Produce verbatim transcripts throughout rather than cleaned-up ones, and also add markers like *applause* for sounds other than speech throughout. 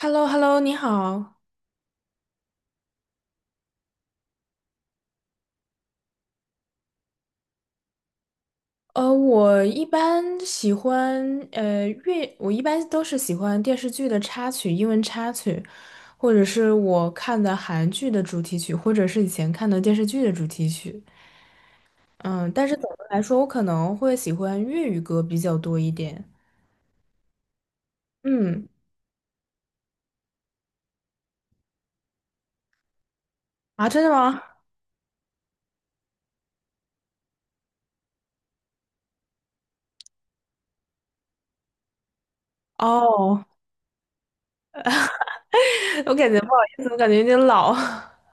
h e l l o h e l l o 你好。呃，我一般喜欢呃粤，我一般都是喜欢电视剧的插曲，英文插曲，或者是我看的韩剧的主题曲，或者是以前看的电视剧的主题曲。嗯，但是总的来说，我可能会喜欢粤语歌比较多一点。嗯，啊，真的吗？哦，*laughs* 我感觉不好意思，我感觉有点老。*laughs*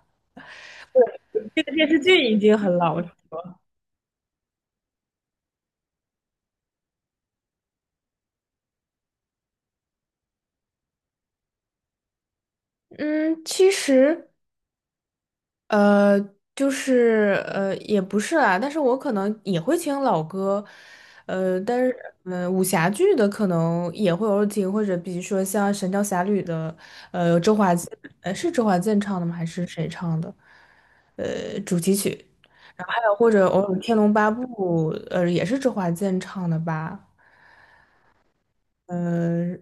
这个电视剧已经很老了。嗯，其实。呃，就是呃，也不是啦，但是我可能也会听老歌，呃，但是嗯、呃武侠剧的可能也会偶尔听，或者比如说像《神雕侠侣》的，呃，周华健，呃，是周华健唱的吗？还是谁唱的？呃，主题曲，然后还有或者偶尔《天龙八部》，呃，也是周华健唱的吧？呃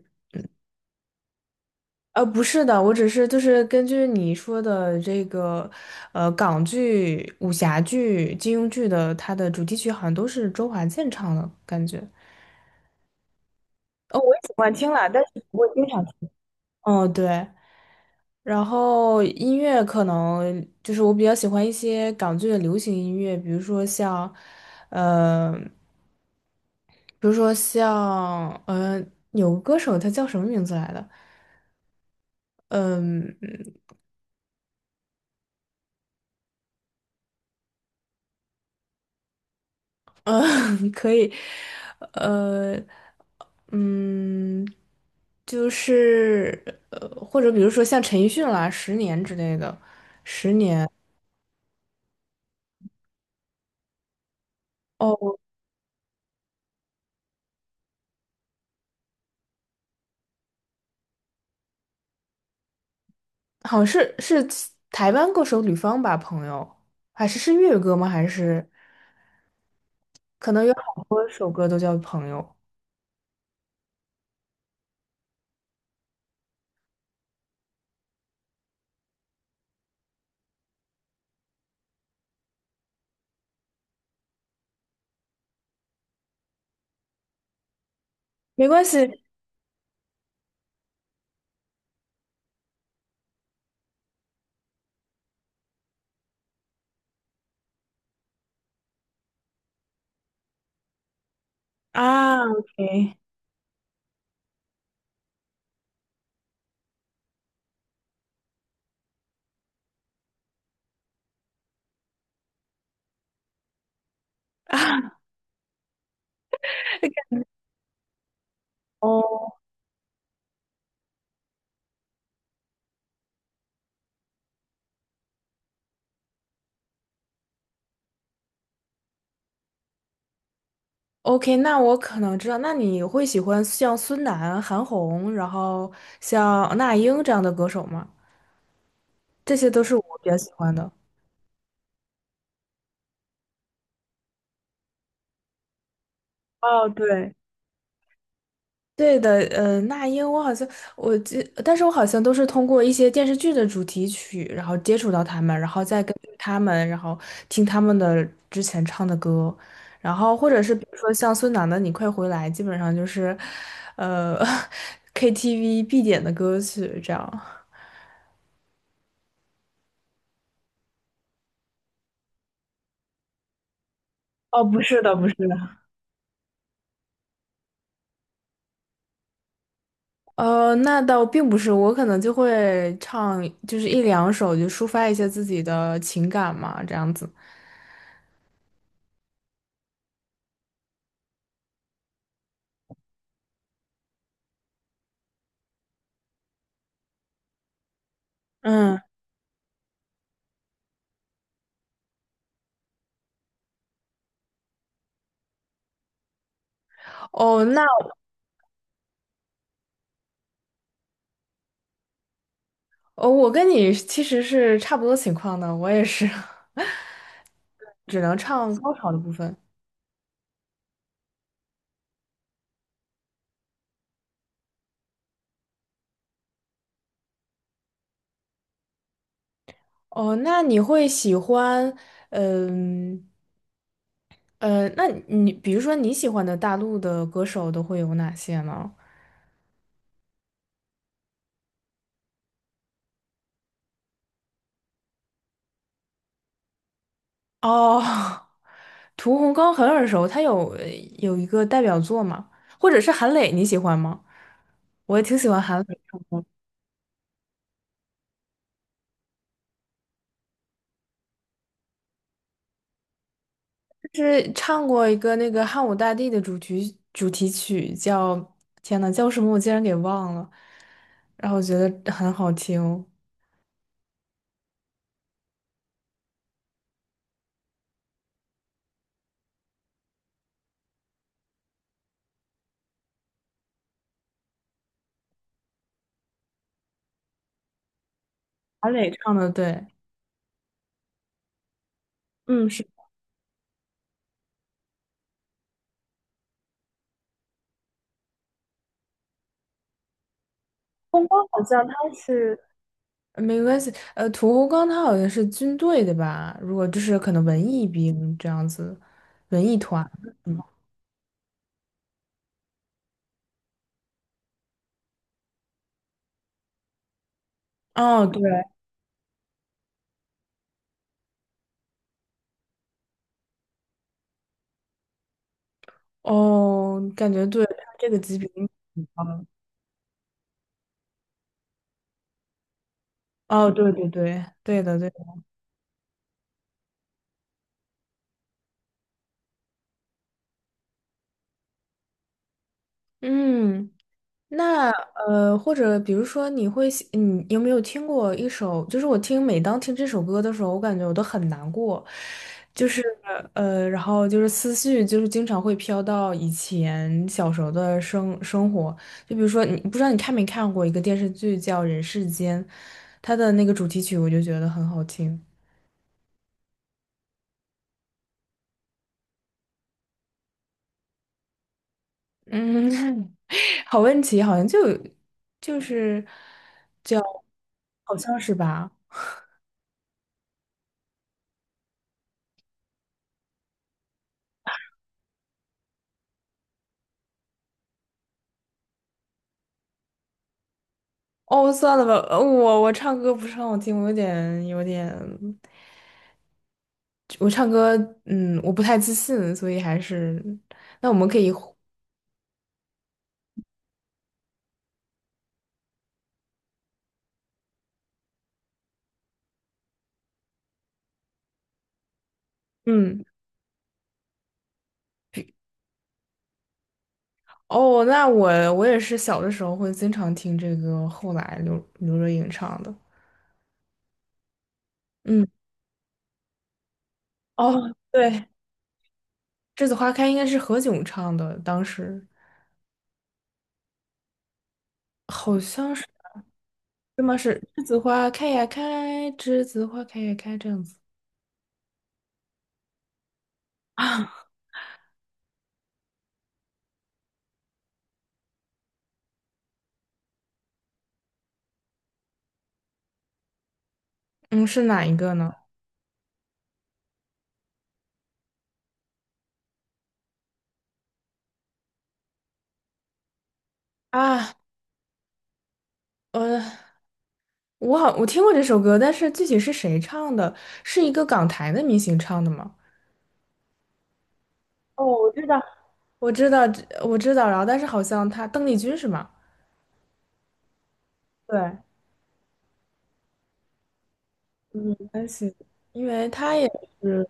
呃，不是的，我只是就是根据你说的这个，呃，港剧、武侠剧、金庸剧的，它的主题曲好像都是周华健唱的感觉。哦，我也喜欢听啦，但是不会经常听。哦，对，然后音乐可能就是我比较喜欢一些港剧的流行音乐，比如说像，呃，比如说像，呃，有个歌手他叫什么名字来的？嗯。嗯，*laughs* 可以，呃，嗯，就是呃，或者比如说像陈奕迅啦，《十年》之类的，《十年》哦，好像是是台湾歌手吕方吧，朋友，还是是粤语歌吗？还是可能有好多首歌都叫朋友，没关系 *laughs* 啊，OK。哦，OK，那我可能知道，那你会喜欢像孙楠、韩红，然后像那英这样的歌手吗？这些都是我比较喜欢的。哦，对，对的，呃，那英我好像我记，但是我好像都是通过一些电视剧的主题曲，然后接触到他们，然后再根据他们，然后听他们的之前唱的歌，然后或者是比如说像孙楠的《你快回来》，基本上就是，呃，K T V *laughs* 必点的歌曲这样。哦，不是的，不是的，呃，那倒并不是，我可能就会唱，就是一两首，就抒发一下自己的情感嘛，这样子。嗯，哦，那哦，我跟你其实是差不多情况的，我也是，*laughs* 只能唱高潮的部分。哦，那你会喜欢，嗯呃，那你比如说你喜欢的大陆的歌手都会有哪些呢？哦，屠洪刚很耳熟，他有呃有一个代表作嘛，或者是韩磊，你喜欢吗？我也挺喜欢韩磊，就是唱过一个那个汉武大帝的主题主题曲，叫天呐，叫什么我竟然给忘了，然后我觉得很好听，韩磊唱的对，嗯是，风刚，好像他是没关系，呃，屠洪刚他好像是军队的吧，如果就是可能文艺兵这样子，文艺团，嗯，哦对。哦，感觉对，他这个级别应该挺高的。哦，对对对，对的对的。嗯，那呃，或者比如说，你会喜，你有没有听过一首？就是我听，每当听这首歌的时候，我感觉我都很难过，就是呃，然后就是思绪，就是经常会飘到以前小时候的生生活。就比如说，你不知道你看没看过一个电视剧叫《人世间》，它的那个主题曲，我就觉得很好听。嗯，*laughs* 好问题，好像就就是好像是吧？哦，算了吧，呃我我唱歌不是很好听，我有点有点，我唱歌嗯，我不太自信，所以还是那我们可以互嗯哦，那我我也是小的时候会经常听这个，后来刘刘若英唱的，嗯哦对，《栀子花开》应该是何炅唱的，当时。好像是。对吗？是栀子花开呀开，栀子花开呀开这样子啊？嗯，是哪一个呢？啊，呃，我好，我听过这首歌，但是具体是谁唱的？是一个港台的明星唱的吗？哦，我知道，我知道，我知道，然后但是好像他邓丽君是吗？对，嗯，关系，因为他也是。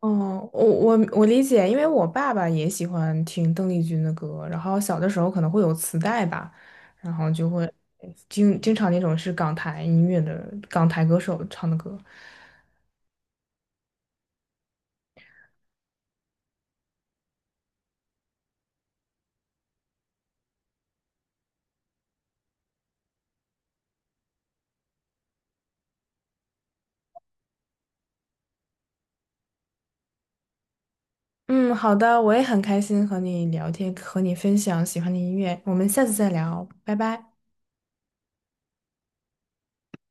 哦，我我我理解，因为我爸爸也喜欢听邓丽君的歌，然后小的时候可能会有磁带吧，然后就会经经常那种是港台音乐的港台歌手唱的歌。嗯，好的，我也很开心和你聊天，和你分享喜欢的音乐，我们下次再聊，拜拜。